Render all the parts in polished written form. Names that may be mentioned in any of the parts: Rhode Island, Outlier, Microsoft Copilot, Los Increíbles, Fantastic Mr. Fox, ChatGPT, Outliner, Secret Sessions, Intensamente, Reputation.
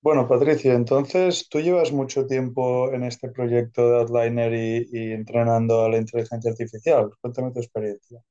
Bueno, Patricia, entonces tú llevas mucho tiempo en este proyecto de Outliner y entrenando a la inteligencia artificial. Cuéntame tu experiencia.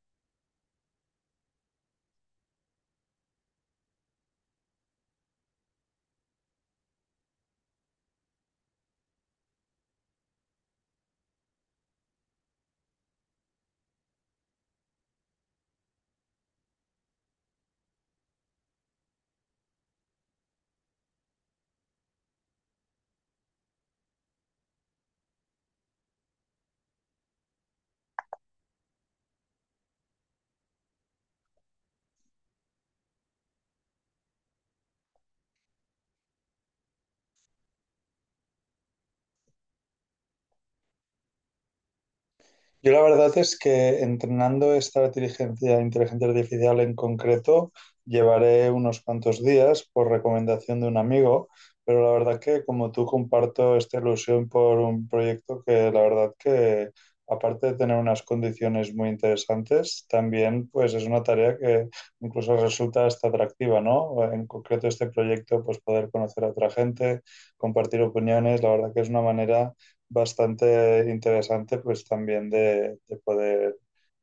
Yo la verdad es que entrenando esta inteligencia artificial en concreto, llevaré unos cuantos días por recomendación de un amigo, pero la verdad que como tú comparto esta ilusión por un proyecto que la verdad que aparte de tener unas condiciones muy interesantes, también pues es una tarea que incluso resulta hasta atractiva, ¿no? En concreto este proyecto, pues poder conocer a otra gente, compartir opiniones, la verdad que es una manera bastante interesante, pues también de poder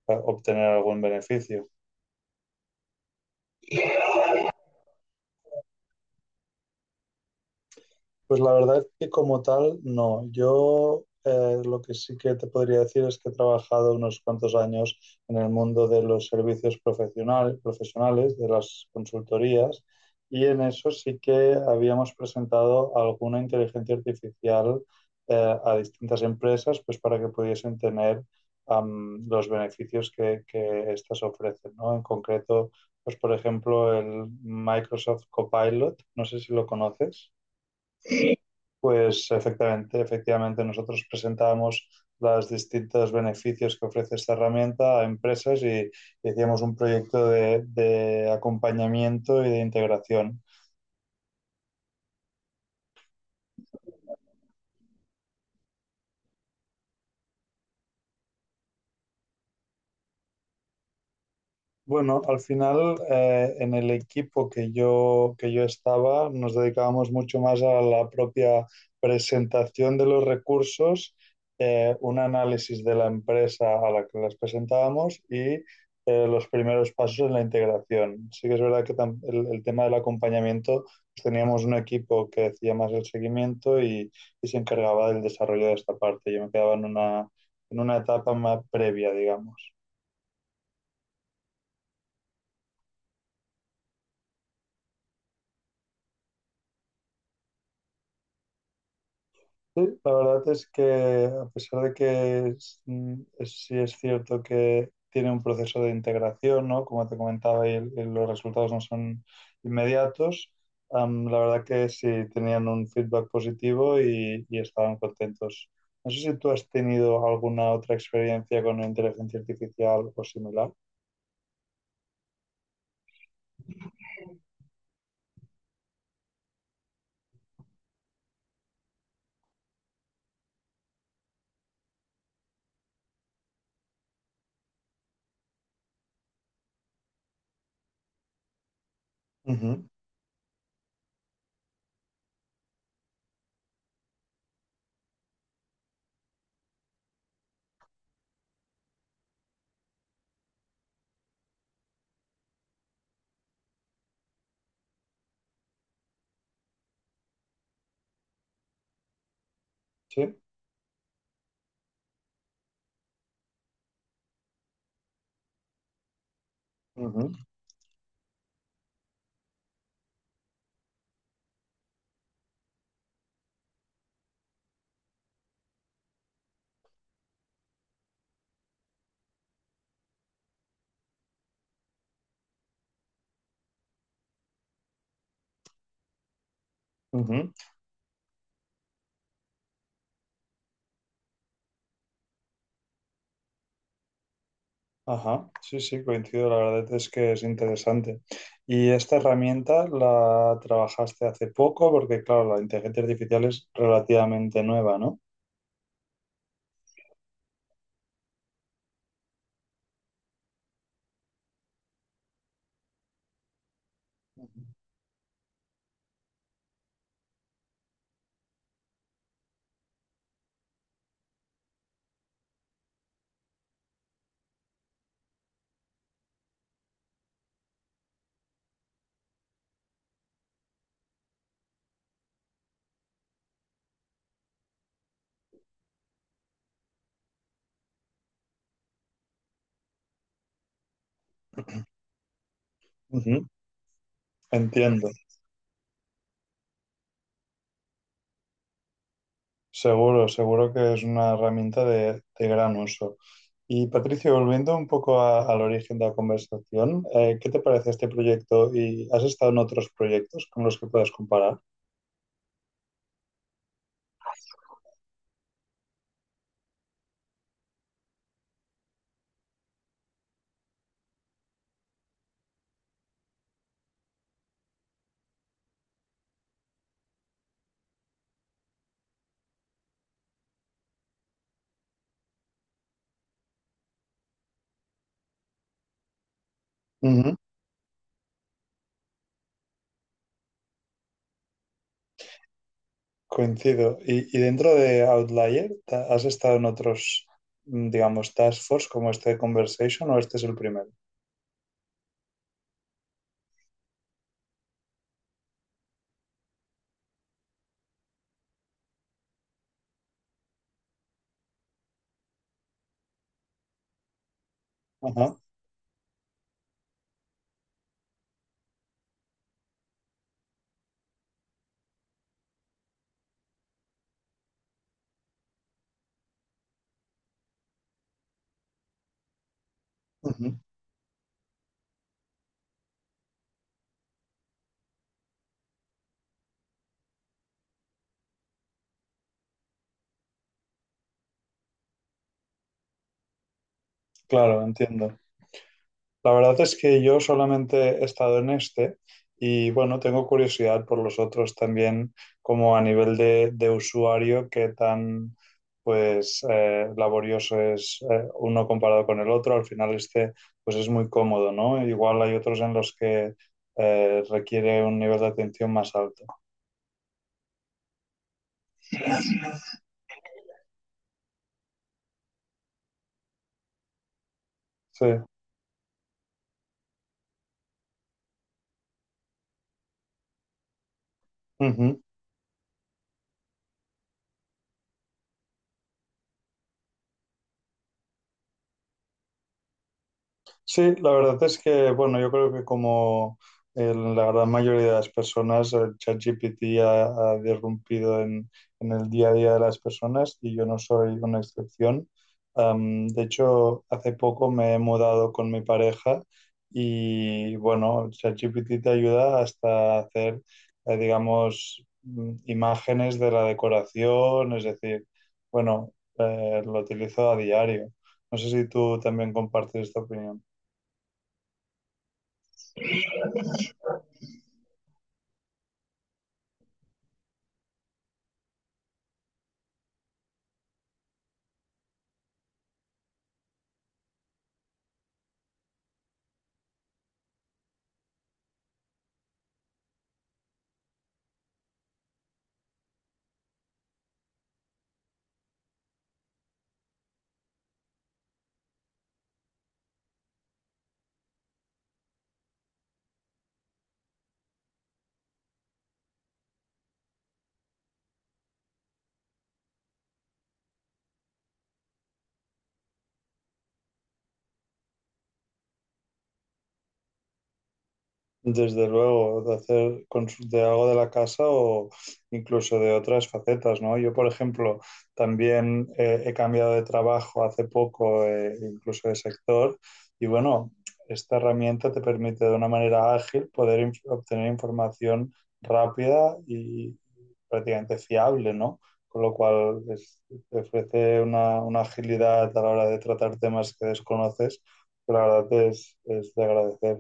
obtener algún beneficio. Pues la verdad es que como tal, no. Yo lo que sí que te podría decir es que he trabajado unos cuantos años en el mundo de los servicios profesionales, de las consultorías, y en eso sí que habíamos presentado alguna inteligencia artificial a distintas empresas, pues para que pudiesen tener los beneficios que estas ofrecen, ¿no? En concreto, pues por ejemplo, el Microsoft Copilot, no sé si lo conoces. Pues efectivamente, efectivamente, nosotros presentamos los distintos beneficios que ofrece esta herramienta a empresas y hacíamos un proyecto de acompañamiento y de integración. Bueno, al final en el equipo que yo estaba nos dedicábamos mucho más a la propia presentación de los recursos, un análisis de la empresa a la que las presentábamos y los primeros pasos en la integración. Sí que es verdad que el tema del acompañamiento, pues teníamos un equipo que hacía más el seguimiento y se encargaba del desarrollo de esta parte. Yo me quedaba en en una etapa más previa, digamos. Sí, la verdad es que a pesar de que sí es cierto que tiene un proceso de integración, ¿no? Como te comentaba, y los resultados no son inmediatos, la verdad que sí tenían un feedback positivo y estaban contentos. No sé si tú has tenido alguna otra experiencia con inteligencia artificial o similar. Ujú, sí. Ujú, ujú. Ajá, sí, sí, coincido, la verdad es que es interesante. ¿Y esta herramienta la trabajaste hace poco? Porque, claro, la inteligencia artificial es relativamente nueva, ¿no? Ujú. Entiendo, seguro, seguro que es una herramienta de gran uso. Y Patricio, volviendo un poco al origen de la conversación, ¿qué te parece este proyecto? ¿Y has estado en otros proyectos con los que puedas comparar? Coincido. Y dentro de Outlier, ¿has estado en otros, digamos, task force como este de Conversation o este es el primero? Ajá. Ujú. Claro, entiendo. La verdad es que yo solamente he estado en este y bueno, tengo curiosidad por los otros también, como a nivel de usuario, qué tan pues laborioso es uno comparado con el otro. Al final este pues es muy cómodo, ¿no? Igual hay otros en los que requiere un nivel de atención más alto. Sí. Ujú. Sí, la verdad es que, bueno, yo creo que como en la gran mayoría de las personas, el ChatGPT ha irrumpido en el día a día de las personas y yo no soy una excepción. De hecho, hace poco me he mudado con mi pareja y, bueno, ChatGPT te ayuda hasta hacer, digamos, imágenes de la decoración, es decir, bueno, lo utilizo a diario. No sé si tú también compartes esta opinión. Desde luego, de hacer de algo de la casa o incluso de otras facetas, ¿no? Yo, por ejemplo, también he cambiado de trabajo hace poco, incluso de sector, y bueno, esta herramienta te permite de una manera ágil poder obtener información rápida y prácticamente fiable, ¿no? Con lo cual te ofrece una agilidad a la hora de tratar temas que desconoces, que la verdad es de agradecer.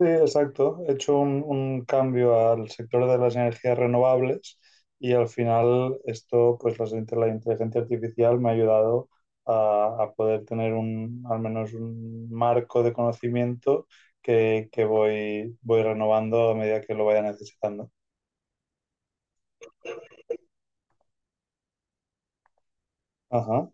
Sí, exacto. He hecho un cambio al sector de las energías renovables y al final esto, pues las la inteligencia artificial me ha ayudado a poder tener un, al menos un marco de conocimiento que voy renovando a medida que lo vaya necesitando. Ajá.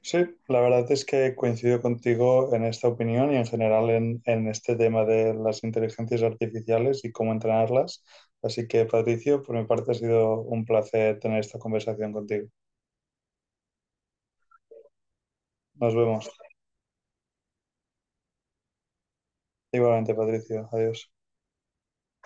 Sí, la verdad es que coincido contigo en esta opinión y en general en este tema de las inteligencias artificiales y cómo entrenarlas. Así que, Patricio, por mi parte ha sido un placer tener esta conversación contigo. Nos vemos. Igualmente, Patricio. Adiós.